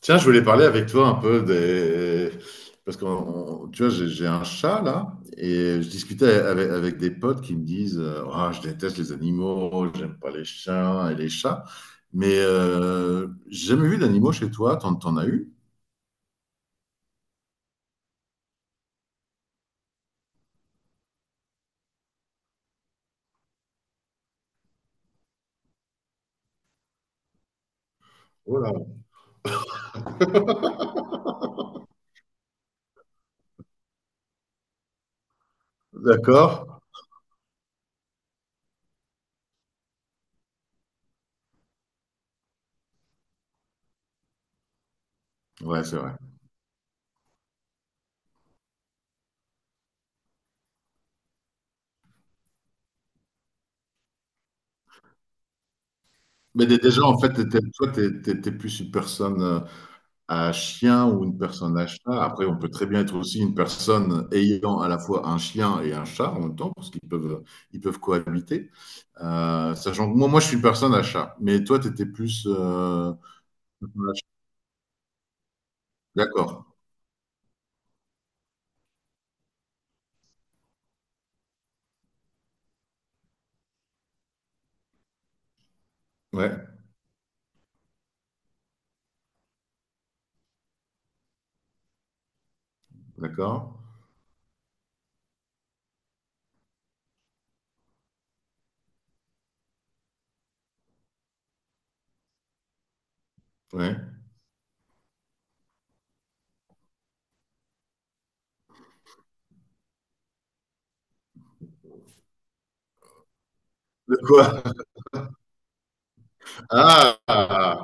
Tiens, je voulais parler avec toi un peu des... Parce que tu vois, j'ai un chat là, et je discutais avec, avec des potes qui me disent ah, je déteste les animaux, j'aime pas les chiens et les chats. Mais j'ai jamais vu d'animaux chez toi, t'en as eu? Voilà. D'accord. Ouais, c'est vrai. Mais déjà, en fait, toi, t'es plus une personne, à chien ou une personne à chat. Après, on peut très bien être aussi une personne ayant à la fois un chien et un chat en même temps, parce qu'ils peuvent, ils peuvent cohabiter. Sachant que moi, je suis une personne à chat, mais toi, tu étais plus... personne à chat. D'accord, ouais, d'accord. Ouais. De quoi? Ah!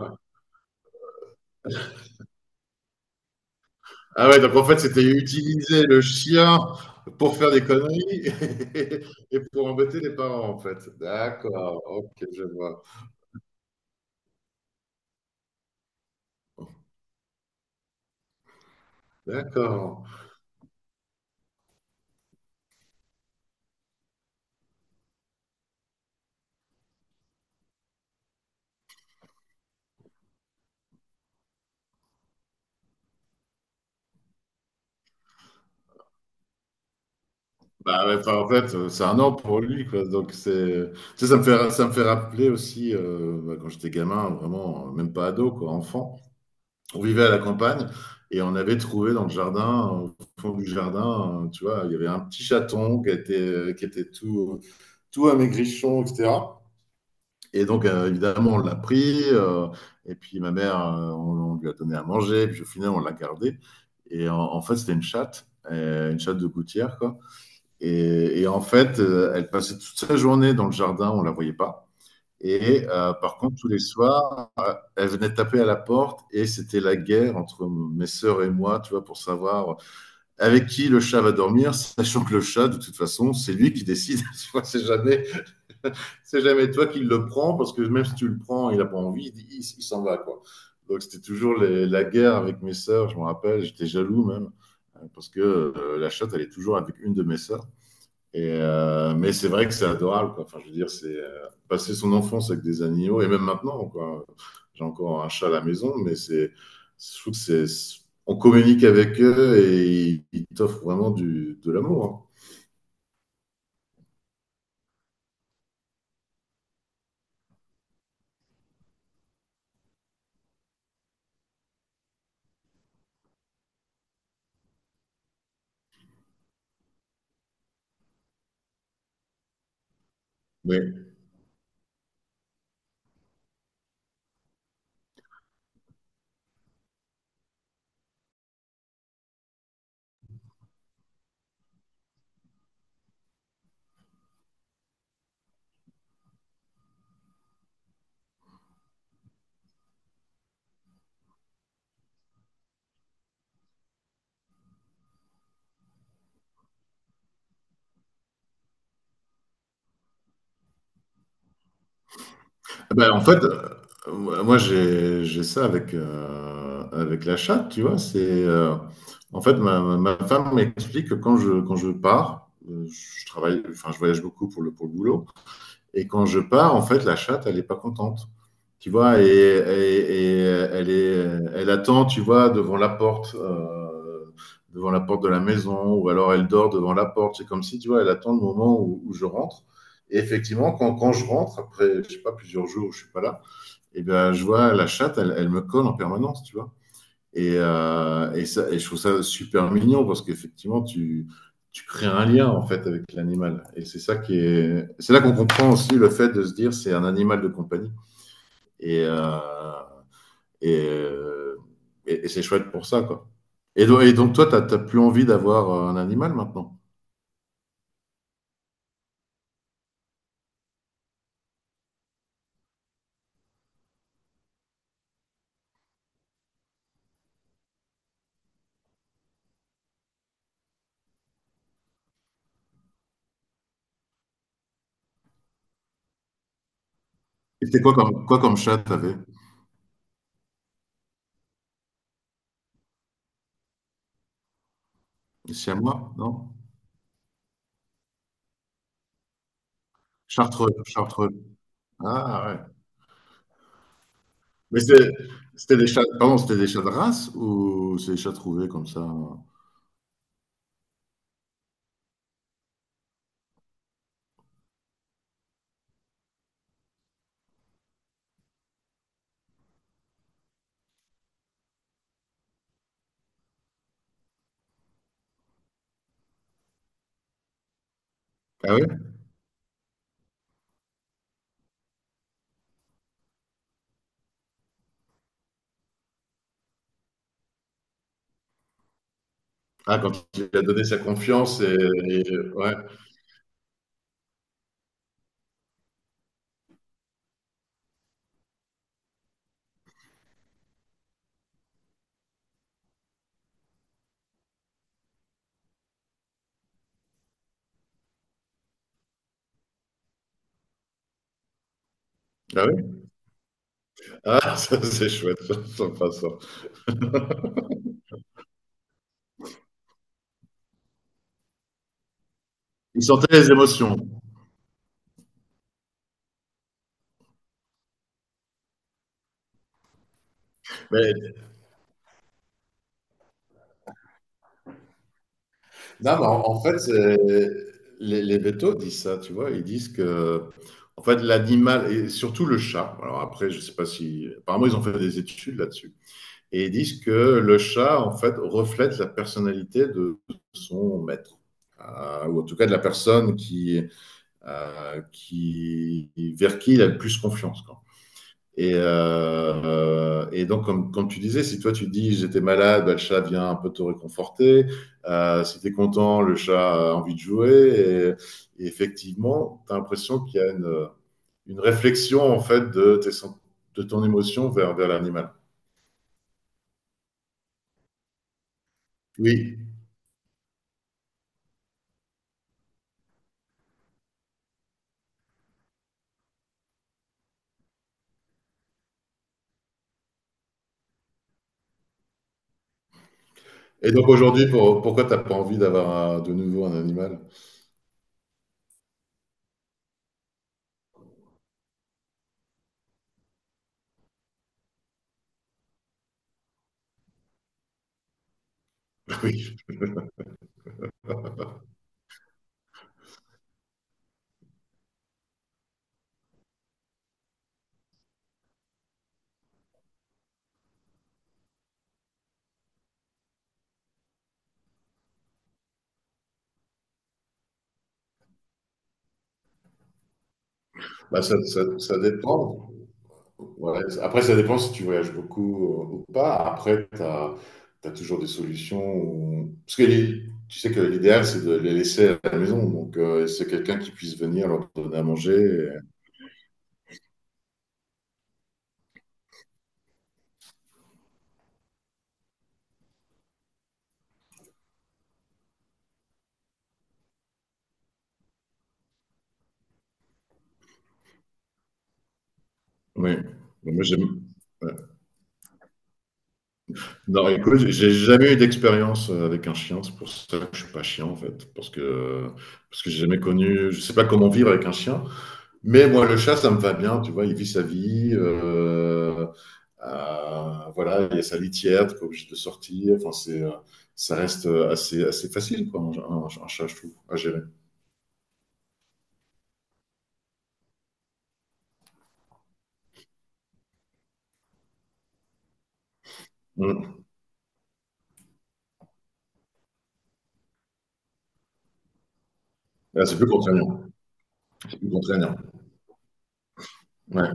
Ah ouais, donc en fait, c'était utiliser le chien pour faire des conneries et pour embêter les parents, en fait. D'accord, ok, je vois. D'accord. Bah, ouais, enfin, en fait, c'est un an pour lui, quoi. Donc, c'est, tu sais, ça me fait rappeler aussi, bah, quand j'étais gamin, vraiment, même pas ado, quoi, enfant. On vivait à la campagne et on avait trouvé dans le jardin, au fond du jardin, tu vois, il y avait un petit chaton qui était tout amaigrichon, etc. Et donc, évidemment, on l'a pris. Et puis, ma mère, on lui a donné à manger. Puis, au final, on l'a gardé. En fait, c'était une chatte de gouttière, quoi. Et en fait, elle passait toute sa journée dans le jardin, on la voyait pas. Et par contre, tous les soirs, elle venait taper à la porte, et c'était la guerre entre mes sœurs et moi, tu vois, pour savoir avec qui le chat va dormir, sachant que le chat, de toute façon, c'est lui qui décide. c'est jamais, c'est jamais toi qui le prends, parce que même si tu le prends, il a pas envie, il s'en va, quoi. Donc c'était toujours la guerre avec mes sœurs, je me rappelle, j'étais jaloux même, parce que la chatte, elle est toujours avec une de mes sœurs. Et, mais c'est vrai que c'est adorable, quoi. Enfin, je veux dire, c'est passer son enfance avec des animaux, et même maintenant, quoi. J'ai encore un chat à la maison, mais c'est, je trouve que c'est, on communique avec eux et ils t'offrent vraiment du, de l'amour, hein. Oui. Ben, en fait, moi j'ai ça avec avec la chatte, tu vois. C'est En fait ma femme m'explique que quand je pars, je travaille, enfin je voyage beaucoup pour le boulot. Et quand je pars, en fait, la chatte, elle n'est pas contente. Tu vois, et elle, est, elle attend, tu vois, devant la porte de la maison, ou alors elle dort devant la porte. C'est comme si, tu vois, elle attend le moment où je rentre. Et effectivement, quand je rentre, après, je sais pas, plusieurs jours où je suis pas là, et bien, je vois la chatte, elle me colle en permanence, tu vois. Et je trouve ça super mignon, parce qu'effectivement, tu crées un lien en fait avec l'animal. Et c'est ça qui est. C'est là qu'on comprend aussi le fait de se dire c'est un animal de compagnie. Et, euh, et, euh, et c'est chouette pour ça, quoi. Et donc, toi, t'as plus envie d'avoir un animal maintenant. Et c'était quoi quoi comme chat t'avais? Siamois, non? Chartreux, chartreux. Ah ouais. Mais c'est- C'était des chats, pardon, c'était des chats de race ou c'est des chats trouvés comme ça? Ah oui. Ah, quand il a donné sa confiance et, ouais. Ah oui? Ah, ça, c'est chouette, ça, sympa ça. Il sentait les émotions. Mais non, mais en fait, c'est- les vétos disent ça, tu vois. Ils disent en fait, l'animal, et surtout le chat, alors après, je sais pas si. Apparemment, ils ont fait des études là-dessus. Et ils disent que le chat, en fait, reflète la personnalité de son maître. Ou en tout cas de la personne qui, vers qui il a le plus confiance. Et donc, comme tu disais, si toi tu dis j'étais malade, bah, le chat vient un peu te réconforter. Si tu es content, le chat a envie de jouer. Et effectivement, tu as l'impression qu'il y a une réflexion en fait de ton émotion vers l'animal. Oui. Et donc aujourd'hui, pourquoi tu n'as pas envie d'avoir de nouveau un animal? Oui, bah, ça dépend. Ouais, après, ça dépend si tu voyages beaucoup ou pas. Après, tu as, toujours des solutions. Parce que tu sais que l'idéal, c'est de les laisser à la maison. Donc, c'est quelqu'un qui puisse venir leur donner à manger. Et- Oui. Mais moi, j'aime. Ouais. Non, écoute, j'ai jamais eu d'expérience avec un chien. C'est pour ça que je suis pas chien, en fait. Parce que j'ai jamais connu. Je sais pas comment vivre avec un chien. Mais moi, le chat, ça me va bien, tu vois, il vit sa vie. Voilà, il y a sa litière, t'es pas obligé de sortir. Enfin, c'est, ça reste assez, assez facile, quoi, un chat, je trouve, à gérer. Mm. Ah, c'est plus contraignant. C'est plus contraignant. Ouais.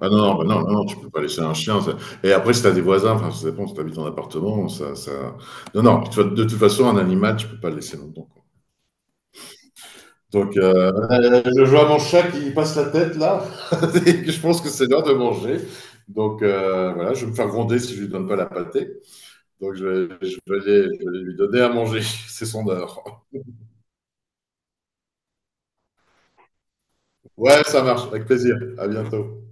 Ah non, non, bah non, tu peux pas laisser un chien. Ça- Et après, si t'as des voisins, enfin, ça dépend, si t'habites en appartement, ça... Non, non, tu vois, de toute façon, un animal, tu peux pas le laisser longtemps, quoi. Donc, je vois mon chat qui passe la tête là, et que je pense que c'est l'heure de manger. Donc, voilà, je vais me faire gronder si je lui donne pas la pâtée. Donc, je vais lui donner à manger. C'est son heure. Ouais, ça marche. Avec plaisir. À bientôt.